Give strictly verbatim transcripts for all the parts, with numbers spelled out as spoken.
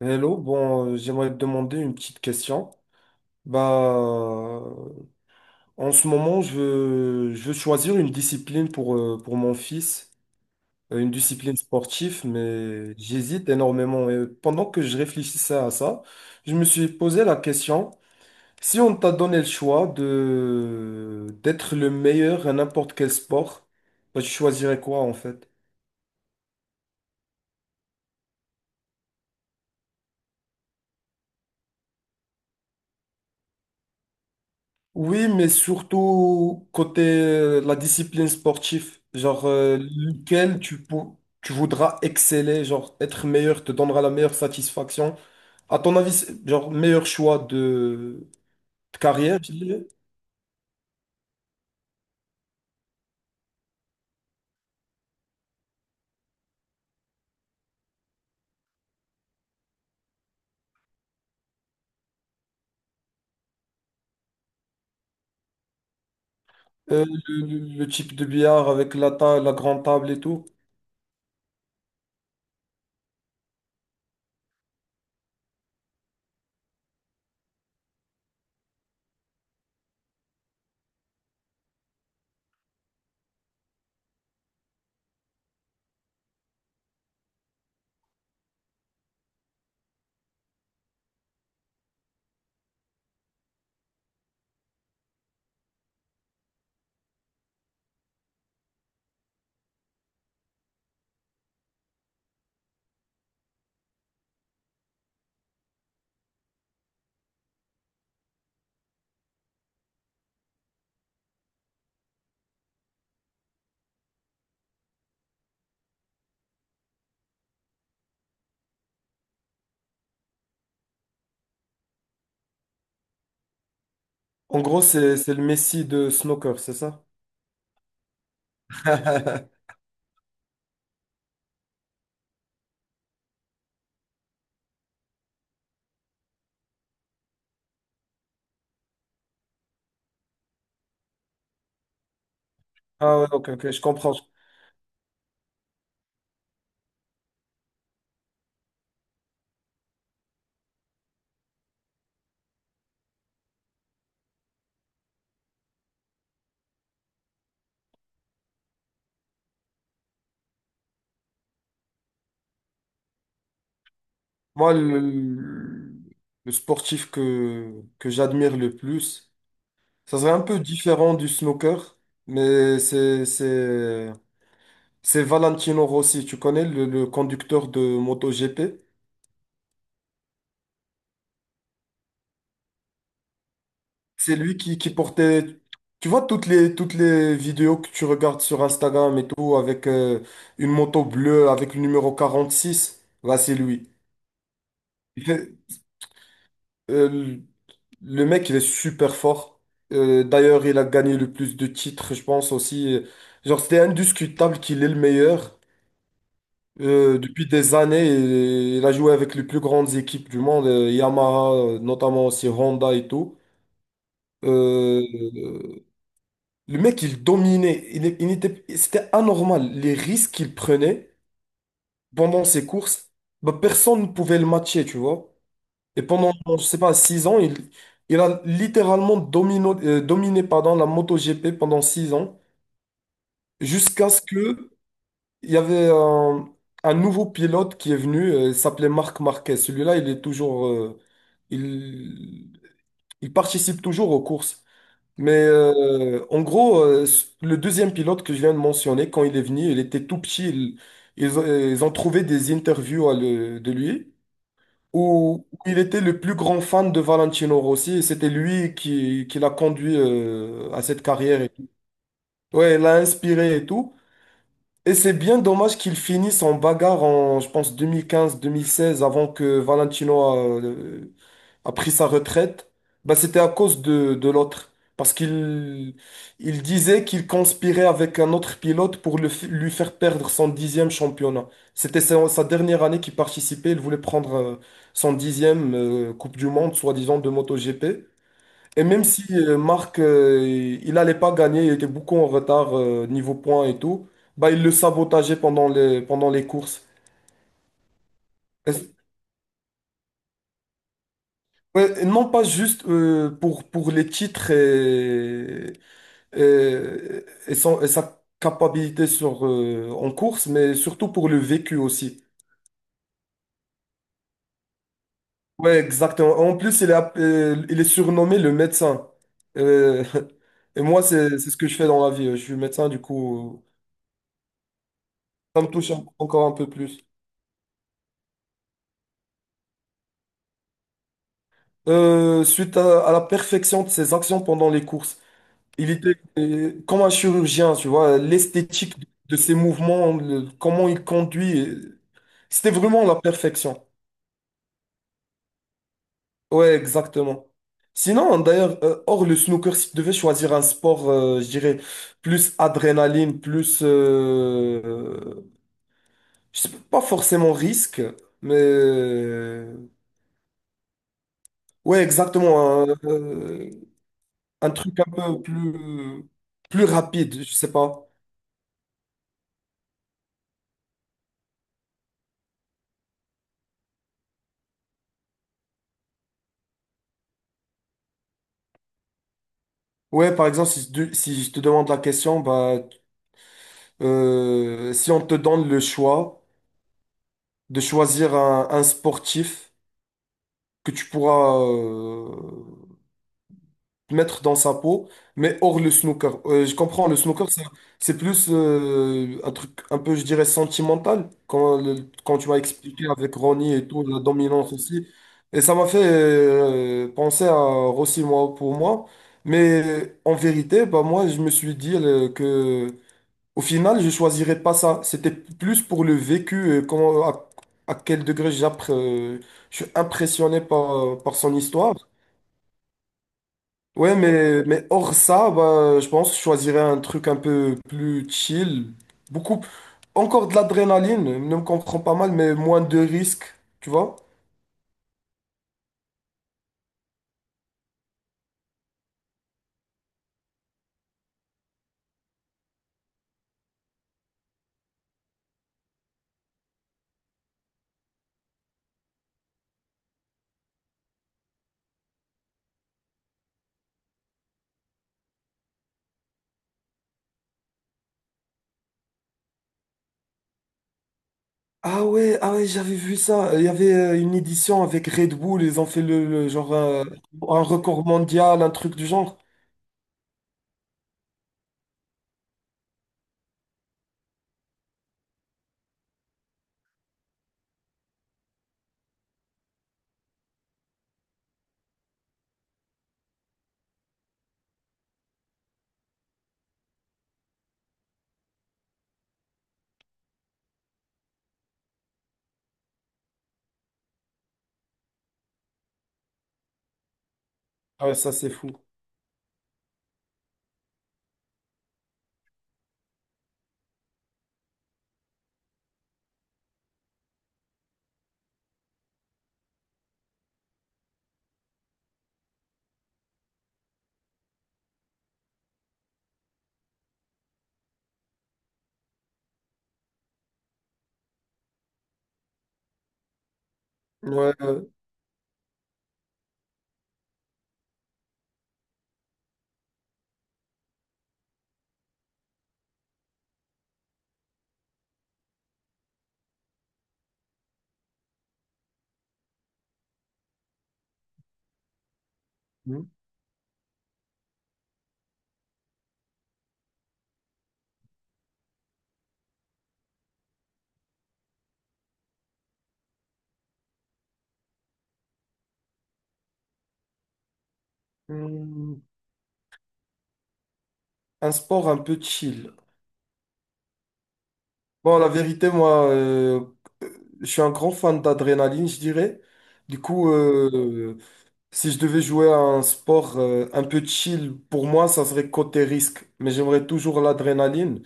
Hello, bon, euh, j'aimerais te demander une petite question. Bah, euh, en ce moment, je veux, je veux choisir une discipline pour, euh, pour mon fils, euh, une discipline sportive, mais j'hésite énormément. Et pendant que je réfléchissais à ça, je me suis posé la question, si on t'a donné le choix de, d'être le meilleur à n'importe quel sport, bah, tu choisirais quoi en fait? Oui, mais surtout côté euh, la discipline sportive, genre euh, lequel tu, pou- tu voudras exceller, genre être meilleur te donnera la meilleure satisfaction. À ton avis, c'est- genre meilleur choix de, de carrière, je dirais. Euh, le, le- le type de billard avec la, ta- la grande table et tout. En gros, c'est c'est le Messi de snooker, c'est ça? Ah ouais, ok, ok, je comprends. Moi, le, le sportif que, que j'admire le plus. Ça serait un peu différent du snooker, mais c'est, c'est, c'est Valentino Rossi, tu connais le, le conducteur de MotoGP? C'est lui qui, qui portait, tu vois, toutes les, toutes les vidéos que tu regardes sur Instagram et tout, avec euh, une moto bleue, avec le numéro quarante six, là, c'est lui. Il fait- euh, le mec, il est super fort. Euh, d'ailleurs, il a gagné le plus de titres, je pense aussi. Genre, c'était indiscutable qu'il est le meilleur. Euh, depuis des années, il il a joué avec les plus grandes équipes du monde, euh, Yamaha, euh, notamment aussi Honda et tout. Euh, euh, le mec, il dominait. Il, est- il était, C'était anormal. Les risques qu'il prenait pendant ses courses, bah, personne ne pouvait le matcher, tu vois. Et pendant, je sais pas, six ans, il, il a littéralement domino- euh, dominé pardon, la MotoGP pendant six ans, jusqu'à ce que il y avait un, un nouveau pilote qui est venu, euh, il s'appelait Marc Marquez. Celui-là, il est toujours, euh, il, il participe toujours aux courses. Mais euh, en gros, euh, s- le deuxième pilote que je viens de mentionner, quand il est venu, il était tout petit. Il- ils, ont ils ont trouvé des interviews à le- de lui où il était le plus grand fan de Valentino Rossi et c'était lui qui, qui l'a conduit euh, à cette carrière, et tout. Ouais, il l'a inspiré et tout. Et c'est bien dommage qu'ils finissent en bagarre en, je pense, deux deux mille quinze mille seize avant que Valentino a, euh, a pris sa retraite. Bah, c'était à cause de, de l'autre. Parce qu'il il disait qu'il conspirait avec un autre pilote pour le f- lui faire perdre son dixième championnat. C'était sa, sa dernière année qu'il participait. Il voulait prendre euh, son dixième euh, Coupe du Monde, soi-disant, de MotoGP. Et même si euh, Marc, euh, il n'allait pas gagner, il était beaucoup en retard euh, niveau points et tout, bah, il le sabotageait pendant les, pendant les courses. Et- ouais, et non pas juste euh, pour, pour les titres et, et, et son- et sa capacité sur, euh, en course, mais surtout pour le vécu aussi. Ouais, exactement. En plus, il est, app- euh, il est surnommé le médecin. Euh, et moi, c'est, c'est ce que je fais dans la vie. Je suis médecin, du coup, ça me touche encore un peu plus. Euh, suite à, à la perfection de ses actions pendant les courses. Il était euh, comme un chirurgien, tu vois, l'esthétique de, de ses mouvements, le- comment il conduit, euh, c'était vraiment la perfection. Ouais, exactement. Sinon, d'ailleurs, euh, hors le snooker, si tu devais choisir un sport, euh, je dirais, plus adrénaline, plus, euh, je sais pas forcément risque. mais... euh, Ouais, exactement. Hein, euh, un truc un peu plus, plus rapide, je sais pas. Ouais, par exemple, si, tu- si je te demande la question, bah, euh, si on te donne le choix de choisir un, un sportif que tu pourras, euh, mettre dans sa peau, mais hors le snooker. Euh, je comprends, le snooker, c'est c'est plus euh, un truc un peu, je dirais, sentimental, quand, le- quand tu m'as expliqué avec Ronnie et tout, la dominance aussi. Et ça m'a fait euh, penser à Rossi, moi, pour moi. Mais en vérité, bah, moi, je me suis dit euh, que au final, je choisirais pas ça. C'était plus pour le vécu, et comment, à, à quel degré j'appré- euh, je suis impressionné par, par son histoire. Ouais, mais, mais hors ça, bah, je pense que je choisirais un truc un peu plus chill. Beaucoup, encore de l'adrénaline, ne me comprends pas mal, mais moins de risques, tu vois? Ah ouais, ah ouais, j'avais vu ça. Il y avait euh, une édition avec Red Bull, ils ont fait le, le genre euh, un record mondial, un truc du genre. Ah ouais, ça c'est fou. Ouais. Euh, hmm. Hmm, un sport un peu chill. Bon, la vérité, moi, euh, euh, je suis un grand fan d'adrénaline, je dirais. Du coup, euh, si je devais jouer à un sport euh, un peu chill, pour moi, ça serait côté risque. Mais j'aimerais toujours l'adrénaline.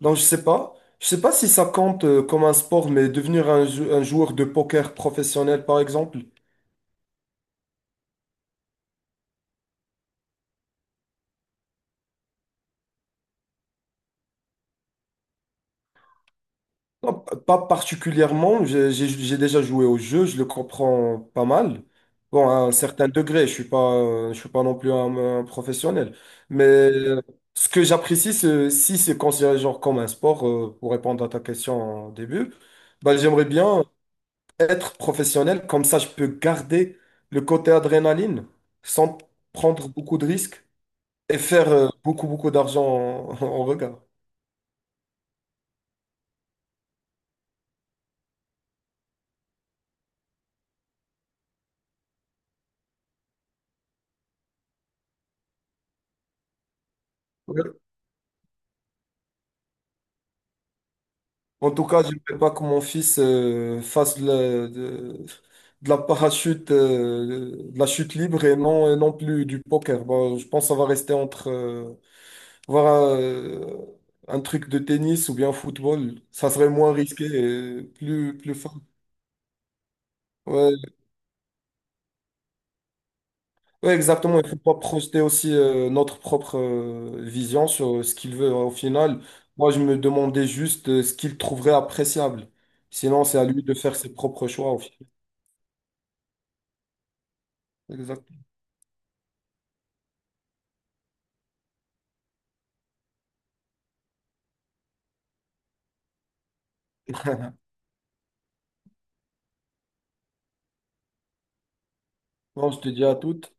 Donc, je sais pas. Je sais pas si ça compte euh, comme un sport, mais devenir un, jou- un joueur de poker professionnel, par exemple. Non, p- pas particulièrement. J'ai j'ai- j'ai déjà joué au jeu, je le comprends pas mal. Bon, à un certain degré, je suis pas, euh, je suis pas non plus un, un professionnel. Mais euh, ce que j'apprécie, c'est- si c'est considéré genre comme un sport, euh, pour répondre à ta question au début, bah, j'aimerais bien être professionnel. Comme ça, je peux garder le côté adrénaline sans prendre beaucoup de risques et faire euh, beaucoup, beaucoup d'argent en, en regard. En tout cas, je ne veux pas que mon fils euh, fasse de, la de- de la parachute, euh, de la chute libre et non, et non plus du poker. Bon, je pense que ça va rester entre euh, voir un, euh, un truc de tennis ou bien football. Ça serait moins risqué et plus, plus fun. Ouais, ouais, exactement. Il faut pas projeter aussi euh, notre propre euh, vision sur ce qu'il veut euh, au final. Moi, je me demandais juste euh, ce qu'il trouverait appréciable. Sinon, c'est à lui de faire ses propres choix au final. Exactement. Bon, je te dis à toutes.